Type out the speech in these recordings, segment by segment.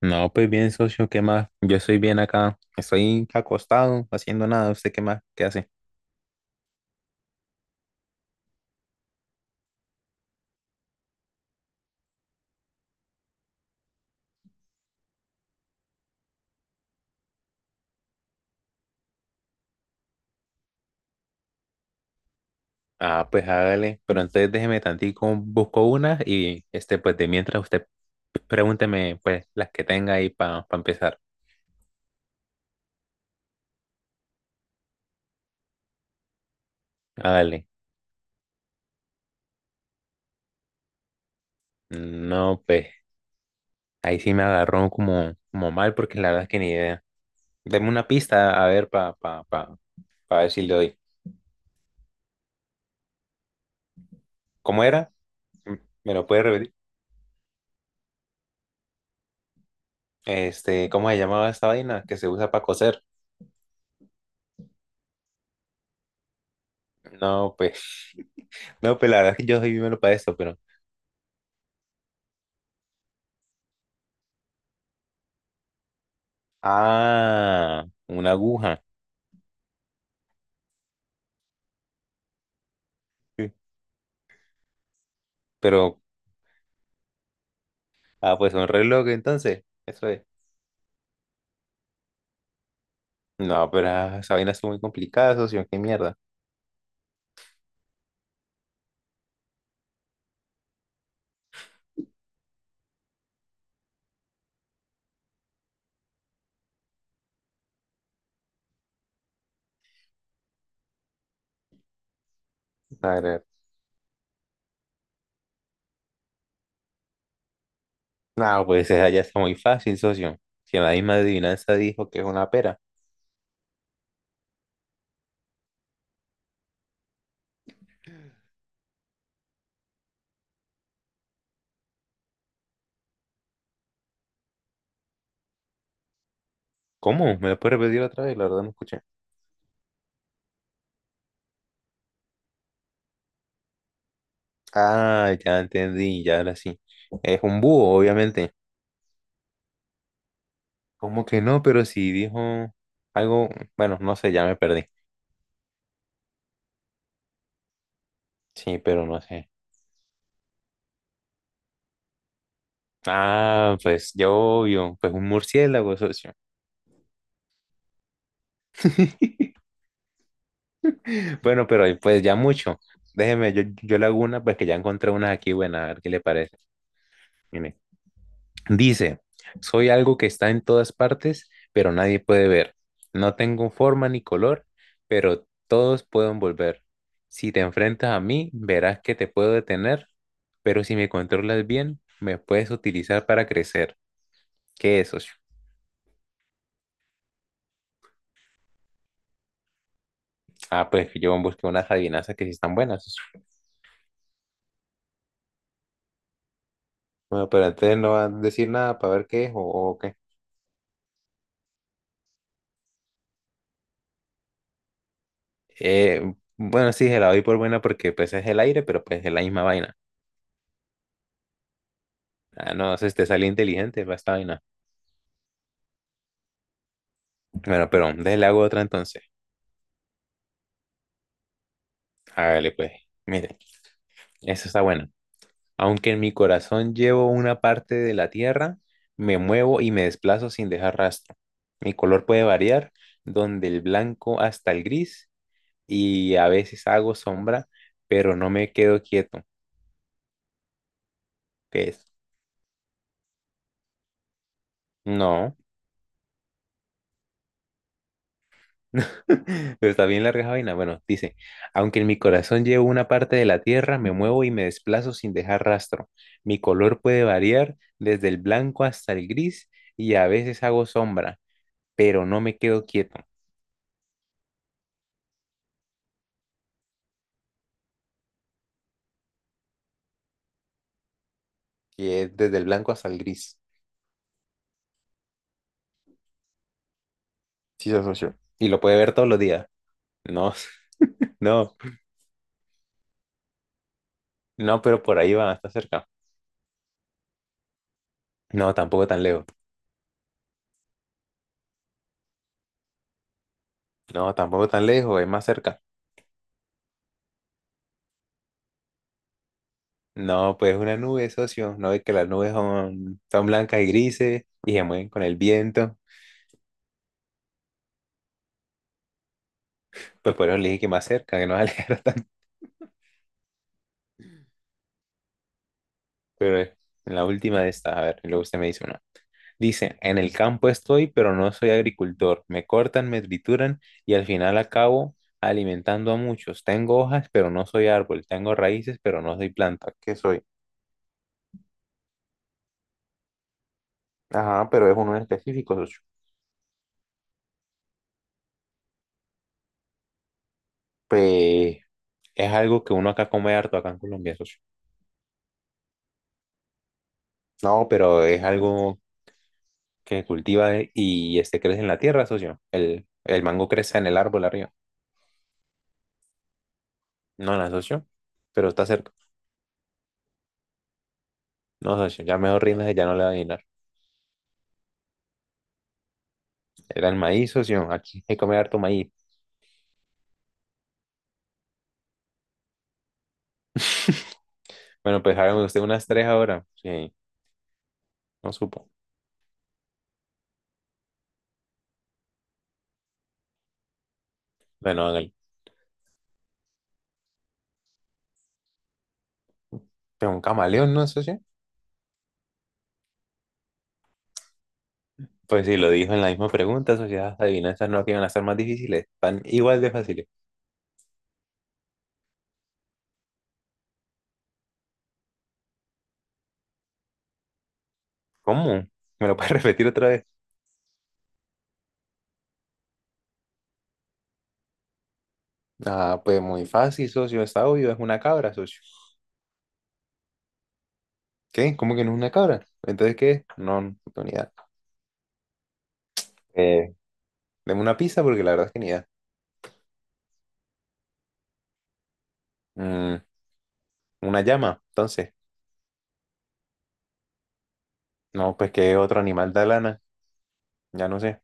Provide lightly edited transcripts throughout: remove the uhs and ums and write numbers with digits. No, pues bien, socio, ¿qué más? Yo estoy bien acá. Estoy acostado, haciendo nada. ¿Usted qué más? ¿Qué hace? Ah, pues hágale. Pero entonces déjeme tantico, busco una y este, pues de mientras usted pregúnteme, pues, las que tenga ahí para empezar. Hágale. No, pues, ahí sí me agarró como mal porque la verdad es que ni idea. Deme una pista, a ver, para pa, pa, pa pa ver si le doy. ¿Cómo era? ¿Me lo puede repetir? Este, ¿cómo se llamaba esta vaina que se usa para coser? No, pues. No, pues la verdad es que yo soy menos para eso, pero. Ah, una aguja. Sí. Pero, ah, pues un reloj entonces. Eso es. No, pero ah, esa vaina es muy complicada, socio. Qué mierda. A ver, no, pues esa ya está muy fácil, socio. Si en la misma adivinanza dijo que es una pera. ¿Cómo? ¿Me lo puedes repetir otra vez? La verdad no escuché. Ah, ya entendí, ya ahora sí. Es un búho, obviamente. ¿Cómo que no? Pero si dijo algo, bueno, no sé, ya me perdí. Sí, pero no sé. Ah, pues yo obvio, pues un murciélago, socio. Bueno, pero ahí, pues ya mucho. Déjeme, yo le hago una, pues que ya encontré una aquí buena, a ver qué le parece. Mire, dice, soy algo que está en todas partes, pero nadie puede ver. No tengo forma ni color, pero todos pueden volver. Si te enfrentas a mí, verás que te puedo detener, pero si me controlas bien, me puedes utilizar para crecer. ¿Qué es, socio? Ah, pues yo busqué unas adivinanzas que sí están buenas. Bueno, pero entonces no vas a decir nada para ver qué es o qué. Bueno, sí, se la doy por buena porque pues es el aire, pero pues es la misma vaina. Ah, no, se te sale inteligente va esta vaina. Bueno, pero déjale hago otra entonces. Hágale pues. Mire, eso está bueno. Aunque en mi corazón llevo una parte de la tierra, me muevo y me desplazo sin dejar rastro. Mi color puede variar, donde el blanco hasta el gris, y a veces hago sombra, pero no me quedo quieto. ¿Qué es? No. Pero está bien larga esa vaina. Bueno, dice, aunque en mi corazón llevo una parte de la tierra, me muevo y me desplazo sin dejar rastro. Mi color puede variar desde el blanco hasta el gris y a veces hago sombra, pero no me quedo quieto, que es desde el blanco hasta el gris. Sí, se asoció. Y lo puede ver todos los días. No, no, no, pero por ahí va, está cerca. No, tampoco tan lejos. No, tampoco tan lejos, es más cerca. No, pues una nube, socio. No ve que las nubes son blancas y grises y se mueven con el viento. Pues por eso le dije que más cerca, que no se alejara tanto. Pero en la última de estas, a ver, y luego usted me dice una. Dice, en el campo estoy, pero no soy agricultor. Me cortan, me trituran y al final acabo alimentando a muchos. Tengo hojas, pero no soy árbol. Tengo raíces, pero no soy planta. ¿Qué soy? Ajá, pero es uno en específico, socio. Pues es algo que uno acá come harto acá en Colombia, socio. No, pero es algo que cultiva y este crece en la tierra, socio. El mango crece en el árbol arriba. No, no, socio. Pero está cerca. No, socio. Ya mejor rindas, ya no le va a adivinar. Era el maíz, socio. Aquí hay que comer harto maíz. Bueno, pues hágame usted unas tres ahora. Sí, no supo. Bueno, hágale. Pero un camaleón, ¿no, socio? Pues sí, lo dijo en la misma pregunta, socio. Las adivinanzas no que iban a estar más difíciles. Están igual de fáciles. ¿Cómo? ¿Me lo puedes repetir otra vez? Ah, pues muy fácil, socio. Está obvio. Es una cabra, socio. ¿Qué? ¿Cómo que no es una cabra? Entonces, ¿qué es? No, no tengo ni idea. Eh, deme una pizza porque la verdad es que ni idea. Mm, una llama, entonces. No, pues que otro animal da lana, ya no sé.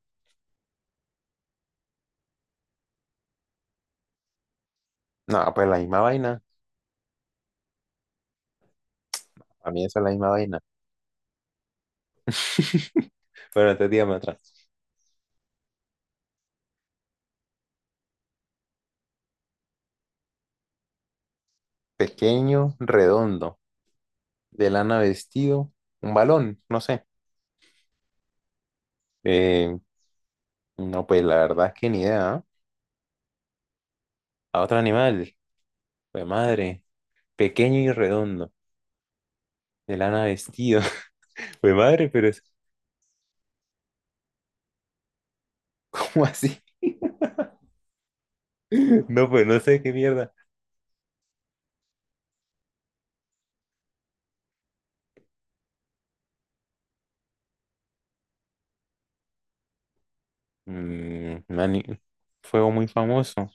No, pues la misma vaina. A mí esa es la misma vaina. Pero entonces dígame otra. Pequeño, redondo, de lana vestido, un balón, no sé. Eh, no, pues la verdad es que ni idea. ¿Ah? A otro animal, pues madre, pequeño y redondo, de lana vestido. Pues madre, pero es como así. No, pues no sé qué mierda. Mm, fuego muy famoso.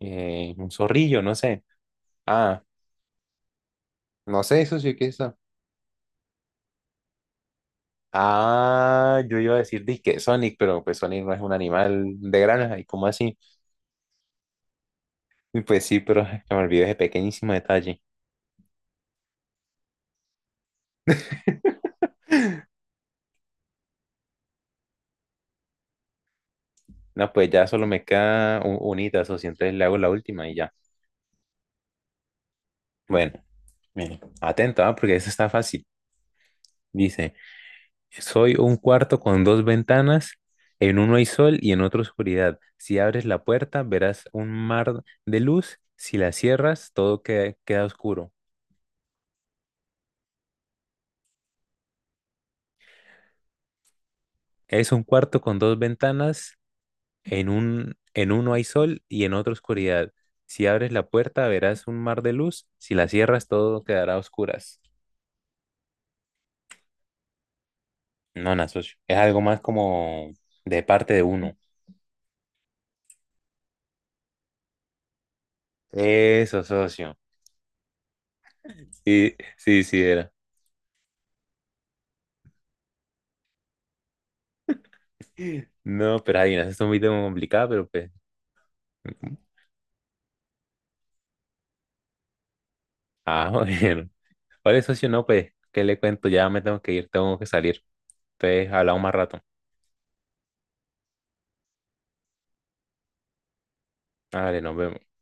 Un zorrillo, no sé. Ah, no sé, eso sí que está. Ah, yo iba a decir disque Sonic, pero pues Sonic no es un animal de granja, ¿y cómo así? Y pues sí, pero ay, me olvidé ese pequeñísimo detalle. No, pues ya solo me queda unita, socio, entonces le hago la última y ya. Bueno, mire, atento, ah, porque eso está fácil. Dice. Soy un cuarto con dos ventanas, en uno hay sol y en otro oscuridad. Si abres la puerta, verás un mar de luz, si la cierras, todo queda oscuro. Es un cuarto con dos ventanas, en uno hay sol y en otro oscuridad. Si abres la puerta, verás un mar de luz, si la cierras, todo quedará a oscuras. No, no, socio, es algo más como de parte de uno. Eso, socio. Sí, sí, sí, era. No, pero ahí, no, eso es muy complicado, pero pues ah, bueno. Oye, socio, no, pues, ¿qué le cuento? Ya me tengo que ir, tengo que salir. Entonces, hablamos más rato. Vale, nos vemos.